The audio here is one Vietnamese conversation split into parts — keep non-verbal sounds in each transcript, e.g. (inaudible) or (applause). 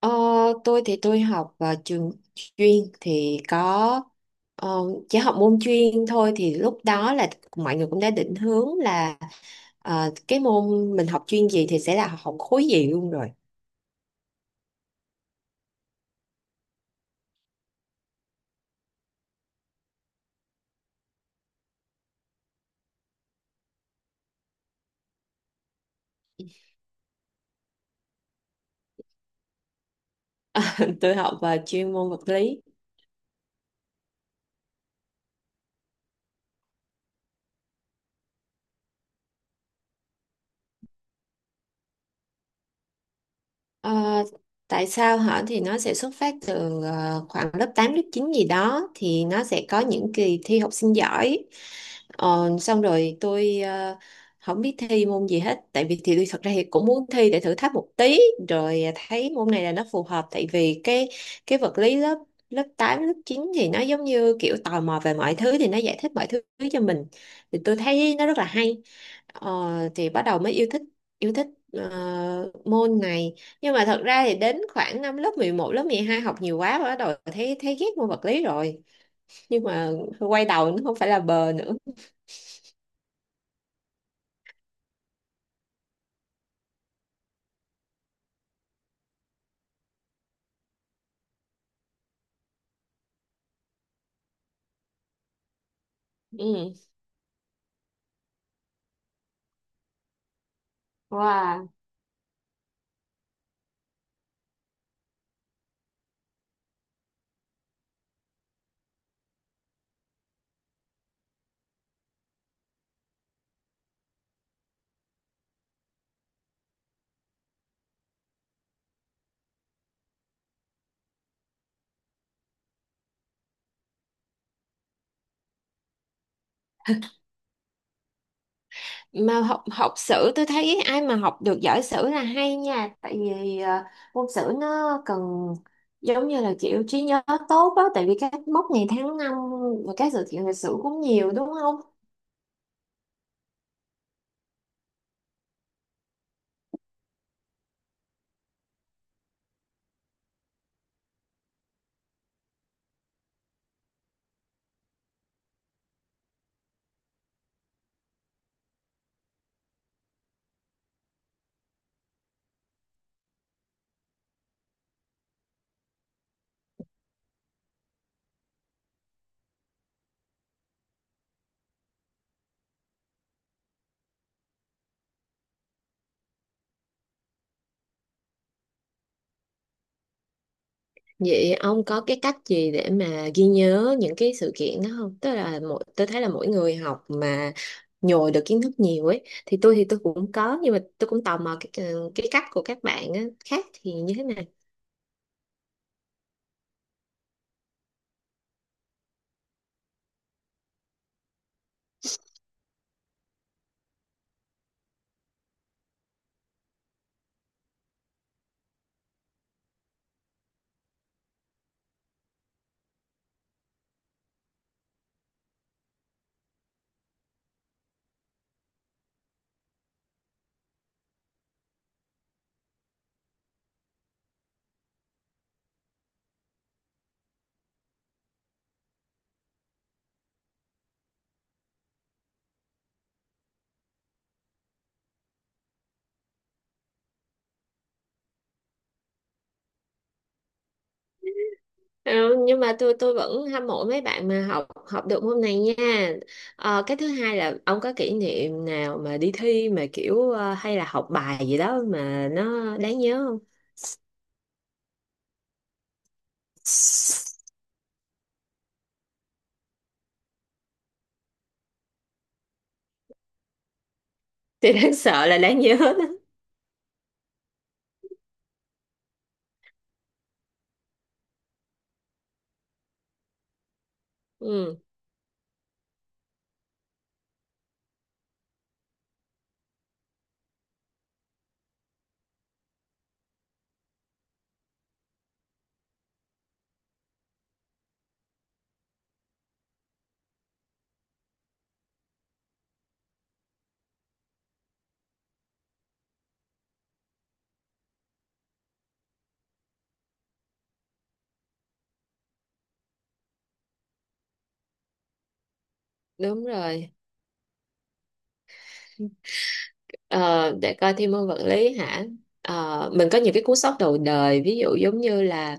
Ờ, tôi thì tôi học vào trường chuyên thì có, ờ, chỉ học môn chuyên thôi, thì lúc đó là mọi người cũng đã định hướng là, cái môn mình học chuyên gì thì sẽ là học khối gì luôn rồi. (laughs) Tôi học vào chuyên môn vật lý. Ờ, tại sao hả? Thì nó sẽ xuất phát từ khoảng lớp 8 lớp 9 gì đó, thì nó sẽ có những kỳ thi học sinh giỏi. Ờ, xong rồi tôi không biết thi môn gì hết, tại vì thì tôi thật ra thì cũng muốn thi để thử thách một tí, rồi thấy môn này là nó phù hợp. Tại vì cái vật lý lớp lớp 8 lớp 9 thì nó giống như kiểu tò mò về mọi thứ, thì nó giải thích mọi thứ cho mình, thì tôi thấy nó rất là hay. Ờ, thì bắt đầu mới yêu thích, yêu thích ờ, môn này. Nhưng mà thật ra thì đến khoảng năm lớp 11 lớp 12 học nhiều quá, bắt đầu thấy thấy ghét môn vật lý rồi, nhưng mà quay đầu nó không phải là bờ nữa. Ừ. Wow. Mà học học sử tôi thấy ai mà học được giỏi sử là hay nha. Tại vì môn sử nó cần giống như là kiểu trí nhớ tốt á, tại vì các mốc ngày tháng năm và các sự kiện lịch sử cũng nhiều, đúng không? Vậy ông có cái cách gì để mà ghi nhớ những cái sự kiện đó không? Tức là mỗi tôi thấy là mỗi người học mà nhồi được kiến thức nhiều ấy, thì tôi cũng có, nhưng mà tôi cũng tò mò cái, cách của các bạn á, khác thì như thế này. Ừ, nhưng mà tôi vẫn hâm mộ mấy bạn mà học học được môn này nha. Ờ, cái thứ hai là ông có kỷ niệm nào mà đi thi mà kiểu hay là học bài gì đó mà nó đáng nhớ không? (laughs) Thì đáng sợ là đáng nhớ đó. Ừ, đúng rồi. Ờ, để coi, thi môn vật lý hả? Ờ, mình có những cái cú sốc đầu đời, ví dụ giống như là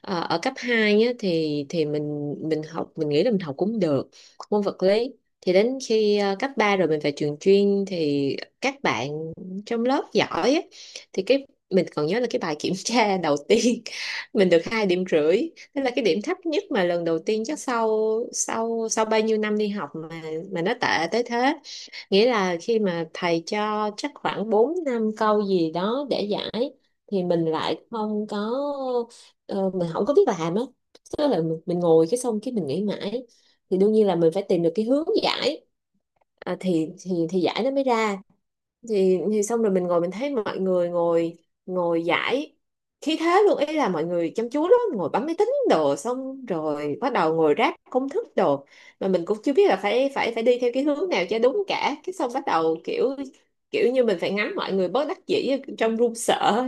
ở cấp 2 á, thì mình học, mình nghĩ là mình học cũng được môn vật lý, thì đến khi cấp 3 rồi mình phải trường chuyên, thì các bạn trong lớp giỏi á, thì cái mình còn nhớ là cái bài kiểm tra đầu tiên (laughs) mình được 2,5 điểm, tức là cái điểm thấp nhất mà lần đầu tiên, chắc sau sau sau bao nhiêu năm đi học mà nó tệ tới thế. Nghĩa là khi mà thầy cho chắc khoảng 4 năm câu gì đó để giải, thì mình lại không có, mình không có biết làm á. Tức là mình ngồi cái xong cái mình nghĩ mãi, thì đương nhiên là mình phải tìm được cái hướng giải, à, thì thì giải nó mới ra. Thì xong rồi mình ngồi mình thấy mọi người ngồi, giải khí thế luôn, ý là mọi người chăm chú lắm, ngồi bấm máy tính đồ, xong rồi bắt đầu ngồi ráp công thức đồ, mà mình cũng chưa biết là phải phải phải đi theo cái hướng nào cho đúng cả, cái xong bắt đầu kiểu, như mình phải ngắm mọi người bớt đắc dĩ trong run sợ.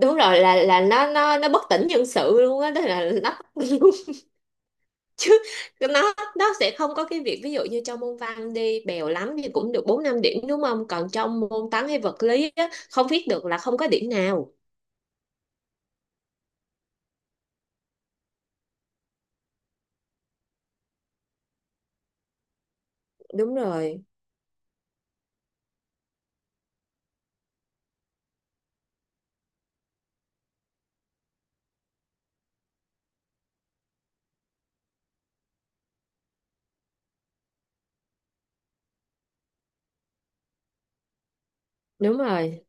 Đúng rồi, là nó nó bất tỉnh nhân sự luôn á, đó là nó. (laughs) Chứ nó sẽ không có cái việc ví dụ như trong môn văn đi bèo lắm thì cũng được 4 5 điểm, đúng không? Còn trong môn toán hay vật lý á, không viết được là không có điểm nào. Đúng rồi, đúng rồi.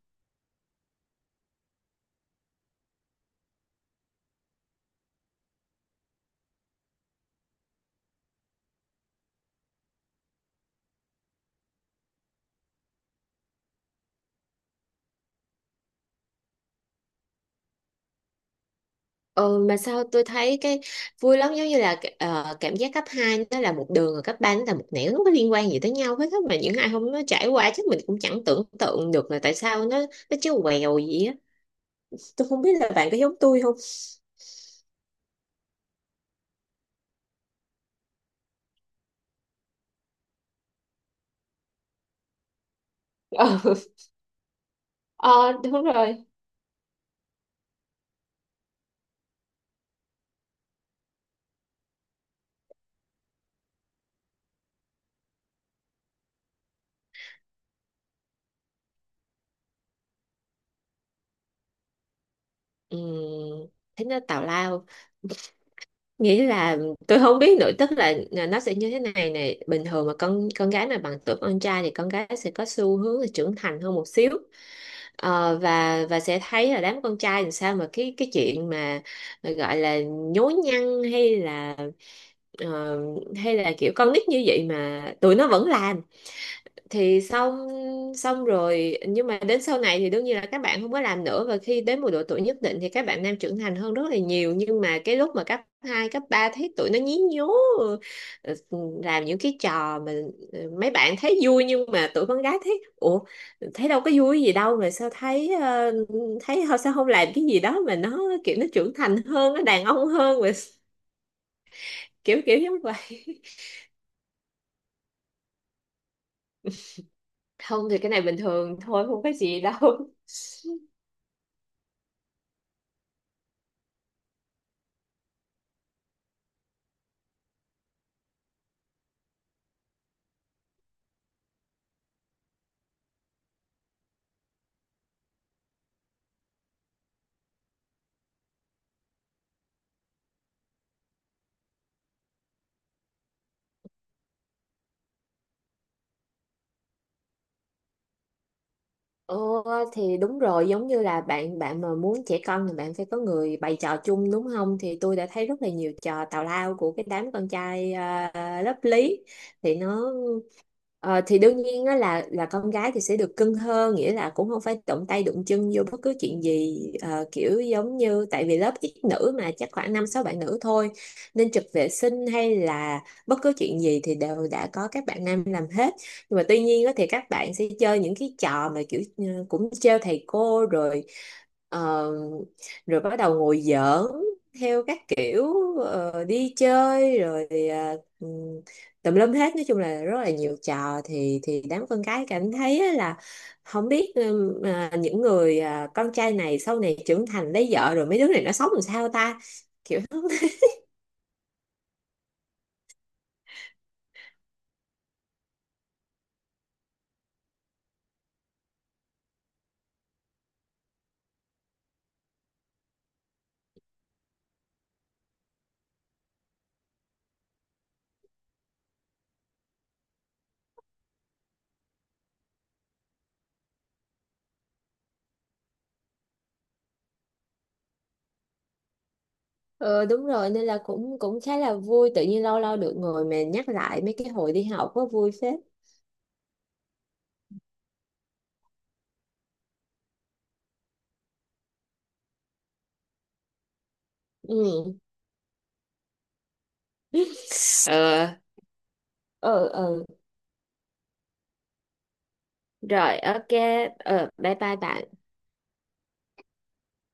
Ừ, mà sao tôi thấy cái vui lắm, giống như là cảm giác cấp 2 nó là một đường rồi cấp 3 nó là một nẻo, nó không có liên quan gì tới nhau hết á. Mà những ai không nó trải qua chắc mình cũng chẳng tưởng tượng được là tại sao nó, chứ quèo gì á. Tôi không biết là bạn có giống tôi không. (laughs) Ừ. Ờ, đúng rồi. Ừ. Thế nó tào lao. Nghĩa là tôi không biết nữa, tức là nó sẽ như thế này này, bình thường mà con gái mà bằng tuổi con trai thì con gái sẽ có xu hướng là trưởng thành hơn một xíu. Ờ, và sẽ thấy là đám con trai làm sao mà cái, chuyện mà à, gọi là nhố nhăng, hay là, ờ, hay là kiểu con nít như vậy mà tụi nó vẫn làm. Thì xong, rồi nhưng mà đến sau này thì đương nhiên là các bạn không có làm nữa, và khi đến một độ tuổi nhất định thì các bạn nam trưởng thành hơn rất là nhiều. Nhưng mà cái lúc mà cấp 2 cấp 3 thấy tụi nó nhí nhố, ờ, làm những cái trò mà mấy bạn thấy vui nhưng mà tụi con gái thấy ủa, thấy đâu có vui gì đâu, mà sao thấy họ sao không làm cái gì đó mà nó kiểu nó trưởng thành hơn, nó đàn ông hơn, mà kiểu, giống vậy. (laughs) Không thì cái này bình thường thôi, không có gì đâu. Ồ, thì đúng rồi, giống như là bạn bạn mà muốn trẻ con thì bạn phải có người bày trò chung, đúng không? Thì tôi đã thấy rất là nhiều trò tào lao của cái đám con trai, à, lớp lý. Thì nó, thì đương nhiên á là con gái thì sẽ được cưng hơn, nghĩa là cũng không phải động tay đụng chân vô bất cứ chuyện gì, kiểu giống như tại vì lớp ít nữ mà, chắc khoảng năm sáu bạn nữ thôi, nên trực vệ sinh hay là bất cứ chuyện gì thì đều đã có các bạn nam làm hết. Nhưng mà tuy nhiên á, thì các bạn sẽ chơi những cái trò mà kiểu, ừ, cũng trêu thầy cô rồi, ờ, rồi bắt đầu ngồi giỡn theo các kiểu, đi chơi rồi, ờ, ừ, tùm lum hết. Nói chung là rất là nhiều trò, thì đám con cái cảm thấy á là không biết, ừ, à, những người, à, con trai này sau này trưởng thành lấy vợ rồi mấy đứa này nó sống làm sao ta. Ờ, đúng rồi, nên là cũng cũng khá là vui, tự nhiên lâu lâu được ngồi mà nhắc lại mấy cái hồi đi học có vui phết. Ừ. (laughs) Ờ. Ừ, ừ. Rồi, ok. Ờ, bye bye bạn.